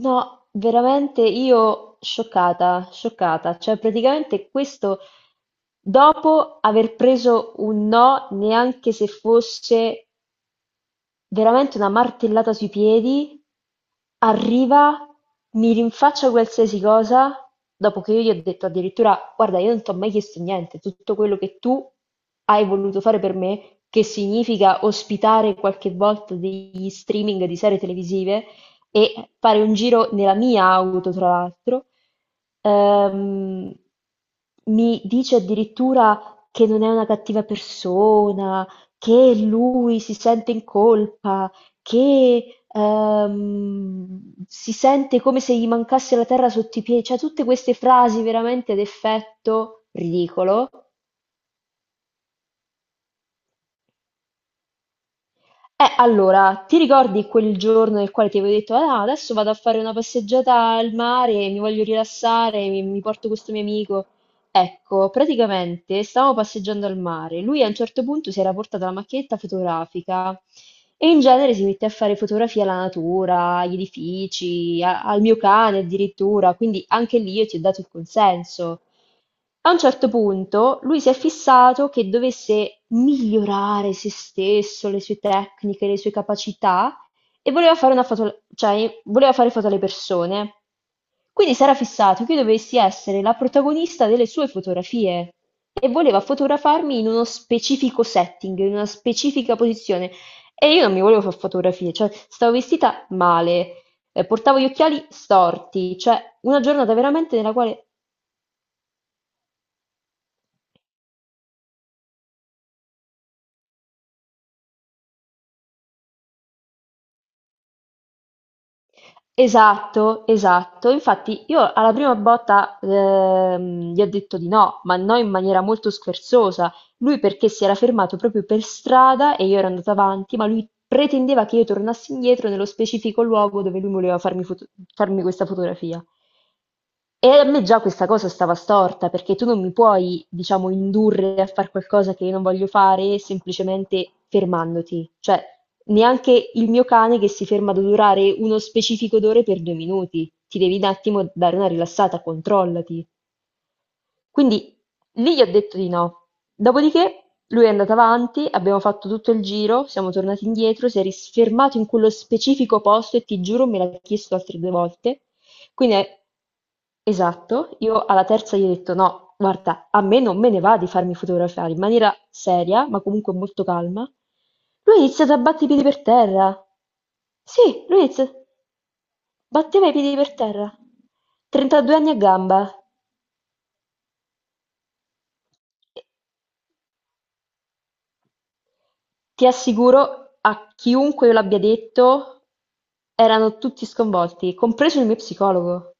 No, veramente io scioccata, scioccata, cioè praticamente questo dopo aver preso un no neanche se fosse veramente una martellata sui piedi, arriva, mi rinfaccia qualsiasi cosa, dopo che io gli ho detto addirittura, guarda, io non ti ho mai chiesto niente, tutto quello che tu hai voluto fare per me, che significa ospitare qualche volta degli streaming di serie televisive e fare un giro nella mia auto, tra l'altro, ehm, mi dice addirittura che non è una cattiva persona, che lui si sente in colpa, che, si sente come se gli mancasse la terra sotto i piedi, cioè tutte queste frasi veramente ad effetto ridicolo. Allora, ti ricordi quel giorno nel quale ti avevo detto, ah, adesso vado a fare una passeggiata al mare, mi voglio rilassare, mi porto questo mio amico. Ecco, praticamente stavamo passeggiando al mare, lui a un certo punto si era portato la macchinetta fotografica e in genere si mette a fare fotografie alla natura, agli edifici, al mio cane addirittura, quindi anche lì io ti ho dato il consenso. A un certo punto lui si è fissato che dovesse migliorare se stesso, le sue tecniche, le sue capacità e voleva fare una foto, cioè voleva fare foto alle persone. Quindi si era fissato che io dovessi essere la protagonista delle sue fotografie e voleva fotografarmi in uno specifico setting, in una specifica posizione. E io non mi volevo fare fotografie, cioè stavo vestita male, portavo gli occhiali storti, cioè una giornata veramente nella quale esatto, esatto. Infatti io alla prima botta gli ho detto di no, ma no in maniera molto scherzosa. Lui perché si era fermato proprio per strada e io ero andata avanti, ma lui pretendeva che io tornassi indietro nello specifico luogo dove lui voleva farmi questa fotografia. E a me già questa cosa stava storta, perché tu non mi puoi, diciamo, indurre a fare qualcosa che io non voglio fare semplicemente fermandoti. Cioè, neanche il mio cane che si ferma ad odorare uno specifico odore per due minuti. Ti devi un attimo dare una rilassata, controllati. Quindi lì gli ho detto di no. Dopodiché lui è andato avanti, abbiamo fatto tutto il giro, siamo tornati indietro, si è risfermato in quello specifico posto e ti giuro me l'ha chiesto altre due volte. Quindi, è- esatto, io alla terza gli ho detto no, guarda, a me non me ne va di farmi fotografare in maniera seria, ma comunque molto calma. Lui ha iniziato a battere i piedi per terra. Sì, lui ha iniziato... Batteva i piedi per terra. 32 anni a gamba. Ti assicuro, a chiunque io l'abbia detto, erano tutti sconvolti, compreso il mio psicologo.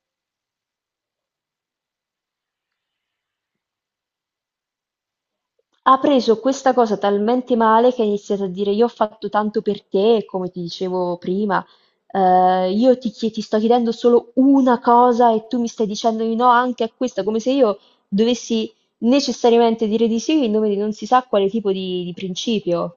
Ha preso questa cosa talmente male che ha iniziato a dire: io ho fatto tanto per te, come ti dicevo prima, ti sto chiedendo solo una cosa e tu mi stai dicendo di no anche a questa, come se io dovessi necessariamente dire di sì in nome di non si sa quale tipo di principio.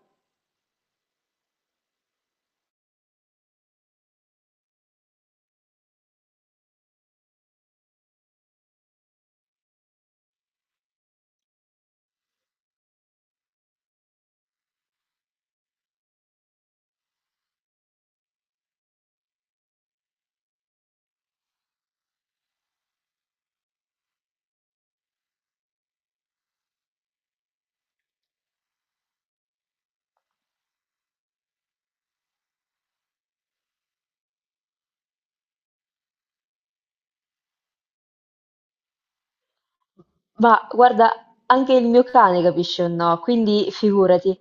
Ma guarda, anche il mio cane capisce un no, quindi figurati.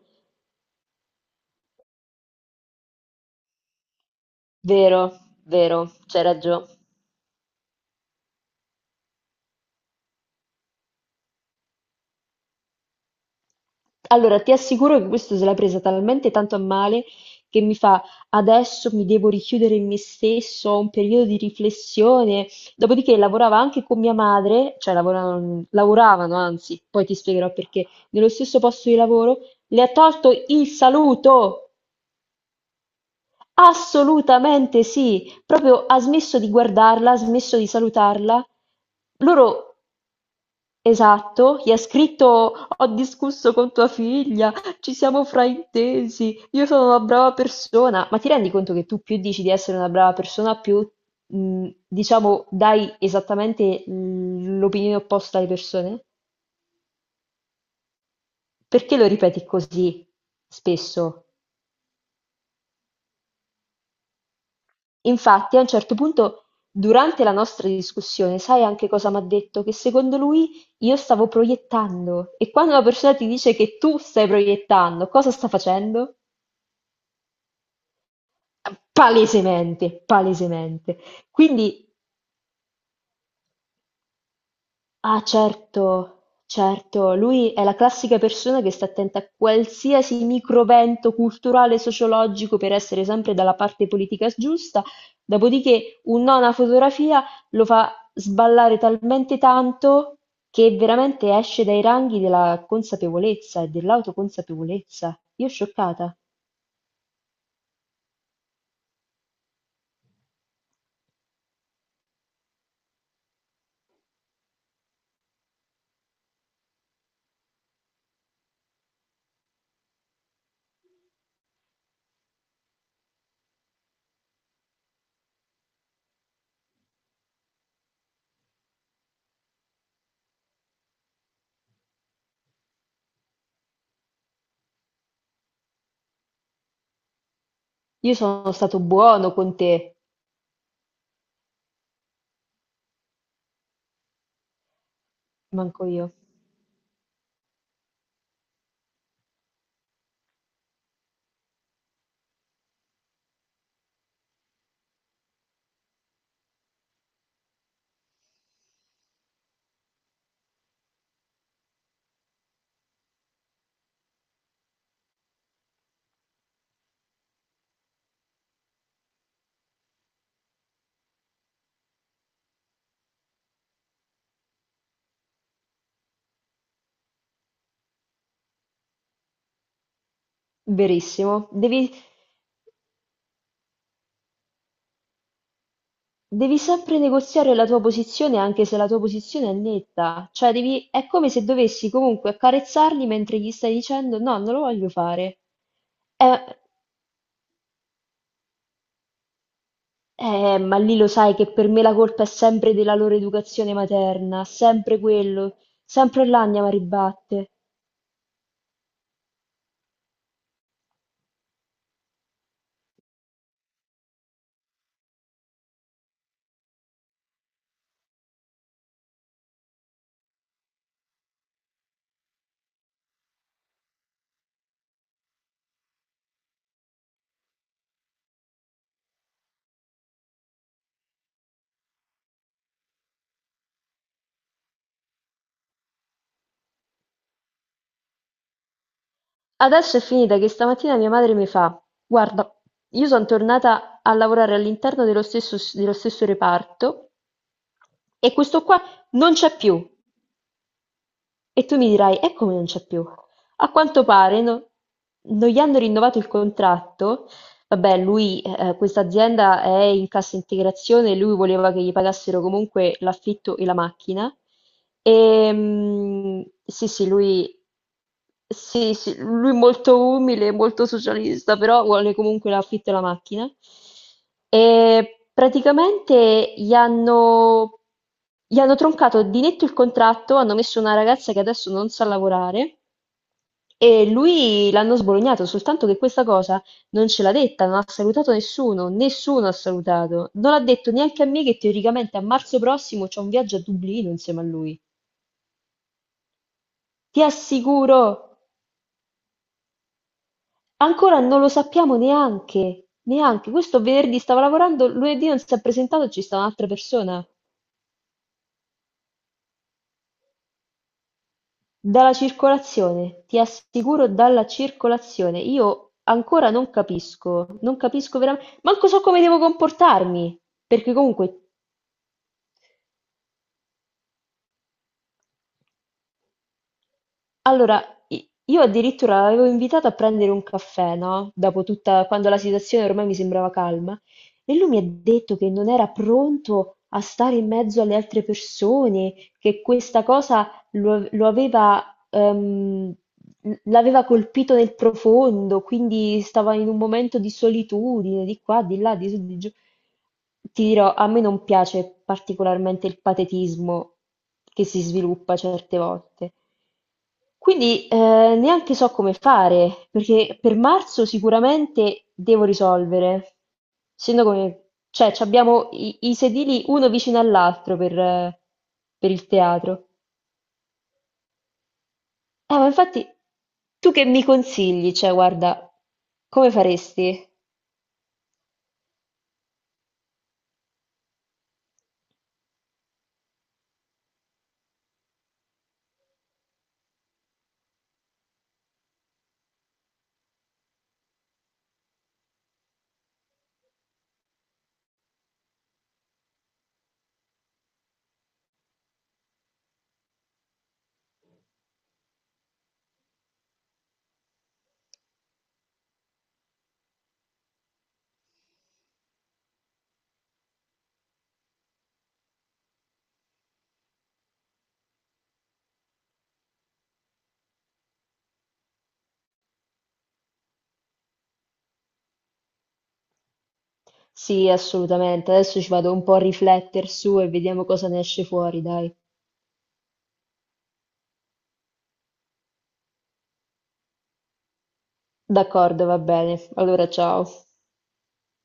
Vero, vero, c'hai ragione. Allora, ti assicuro che questo se l'ha presa talmente tanto a male che mi fa adesso mi devo richiudere in me stesso, ho un periodo di riflessione. Dopodiché lavorava anche con mia madre, cioè lavoravano, lavoravano, anzi, poi ti spiegherò perché, nello stesso posto di lavoro, le ha tolto il saluto. Assolutamente sì, proprio ha smesso di guardarla, ha smesso di salutarla. Loro esatto, gli ha scritto: ho discusso con tua figlia, ci siamo fraintesi, io sono una brava persona. Ma ti rendi conto che tu più dici di essere una brava persona, più diciamo dai esattamente l'opinione opposta alle persone? Perché lo ripeti così spesso? Infatti, a un certo punto, durante la nostra discussione, sai anche cosa mi ha detto? Che secondo lui io stavo proiettando. E quando una persona ti dice che tu stai proiettando, cosa sta facendo? Palesemente, palesemente. Quindi, ah certo, certo, lui è la classica persona che sta attenta a qualsiasi microvento culturale e sociologico per essere sempre dalla parte politica giusta, dopodiché un no a una fotografia lo fa sballare talmente tanto che veramente esce dai ranghi della consapevolezza e dell'autoconsapevolezza. Io scioccata. Io sono stato buono con te, manco io. Verissimo. Devi sempre negoziare la tua posizione anche se la tua posizione è netta, cioè devi, è come se dovessi comunque accarezzarli mentre gli stai dicendo no, non lo voglio fare. Eh, ma lì lo sai che per me la colpa è sempre della loro educazione materna, sempre quello, sempre là andiamo a ribatte. Adesso è finita che stamattina mia madre mi fa, guarda, io sono tornata a lavorare all'interno dello stesso reparto e questo qua non c'è più. E tu mi dirai: "E come non c'è più?" A quanto pare no, non gli hanno rinnovato il contratto. Vabbè, lui, questa azienda è in cassa integrazione, lui voleva che gli pagassero comunque l'affitto e la macchina. E, mm, sì, sì, sì, sì, lui molto umile, molto socialista, però vuole comunque l'affitto e la macchina. E praticamente gli hanno troncato di netto il contratto, hanno messo una ragazza che adesso non sa lavorare e lui l'hanno sbolognato, soltanto che questa cosa non ce l'ha detta, non ha salutato nessuno, nessuno ha salutato. Non ha detto neanche a me che teoricamente a marzo prossimo c'è un viaggio a Dublino insieme a lui. Ti assicuro, ancora non lo sappiamo neanche, neanche. Questo venerdì stava lavorando, lunedì non si è presentato, ci sta un'altra persona. Dalla circolazione, ti assicuro dalla circolazione. Io ancora non capisco, non capisco veramente, manco so come devo comportarmi, perché comunque allora, io addirittura l'avevo invitato a prendere un caffè, no? Dopo tutta, quando la situazione ormai mi sembrava calma, e lui mi ha detto che non era pronto a stare in mezzo alle altre persone, che questa cosa lo aveva, ehm, l'aveva colpito nel profondo, quindi stava in un momento di solitudine, di qua, di là, di su, di giù. Ti dirò, a me non piace particolarmente il patetismo che si sviluppa certe volte. Quindi neanche so come fare, perché per marzo sicuramente devo risolvere. Essendo come, cioè, ci abbiamo i sedili uno vicino all'altro per il teatro. Ma infatti, tu che mi consigli? Cioè, guarda, come faresti? Sì, assolutamente. Adesso ci vado un po' a riflettere su e vediamo cosa ne esce fuori, dai. D'accordo, va bene. Allora, ciao.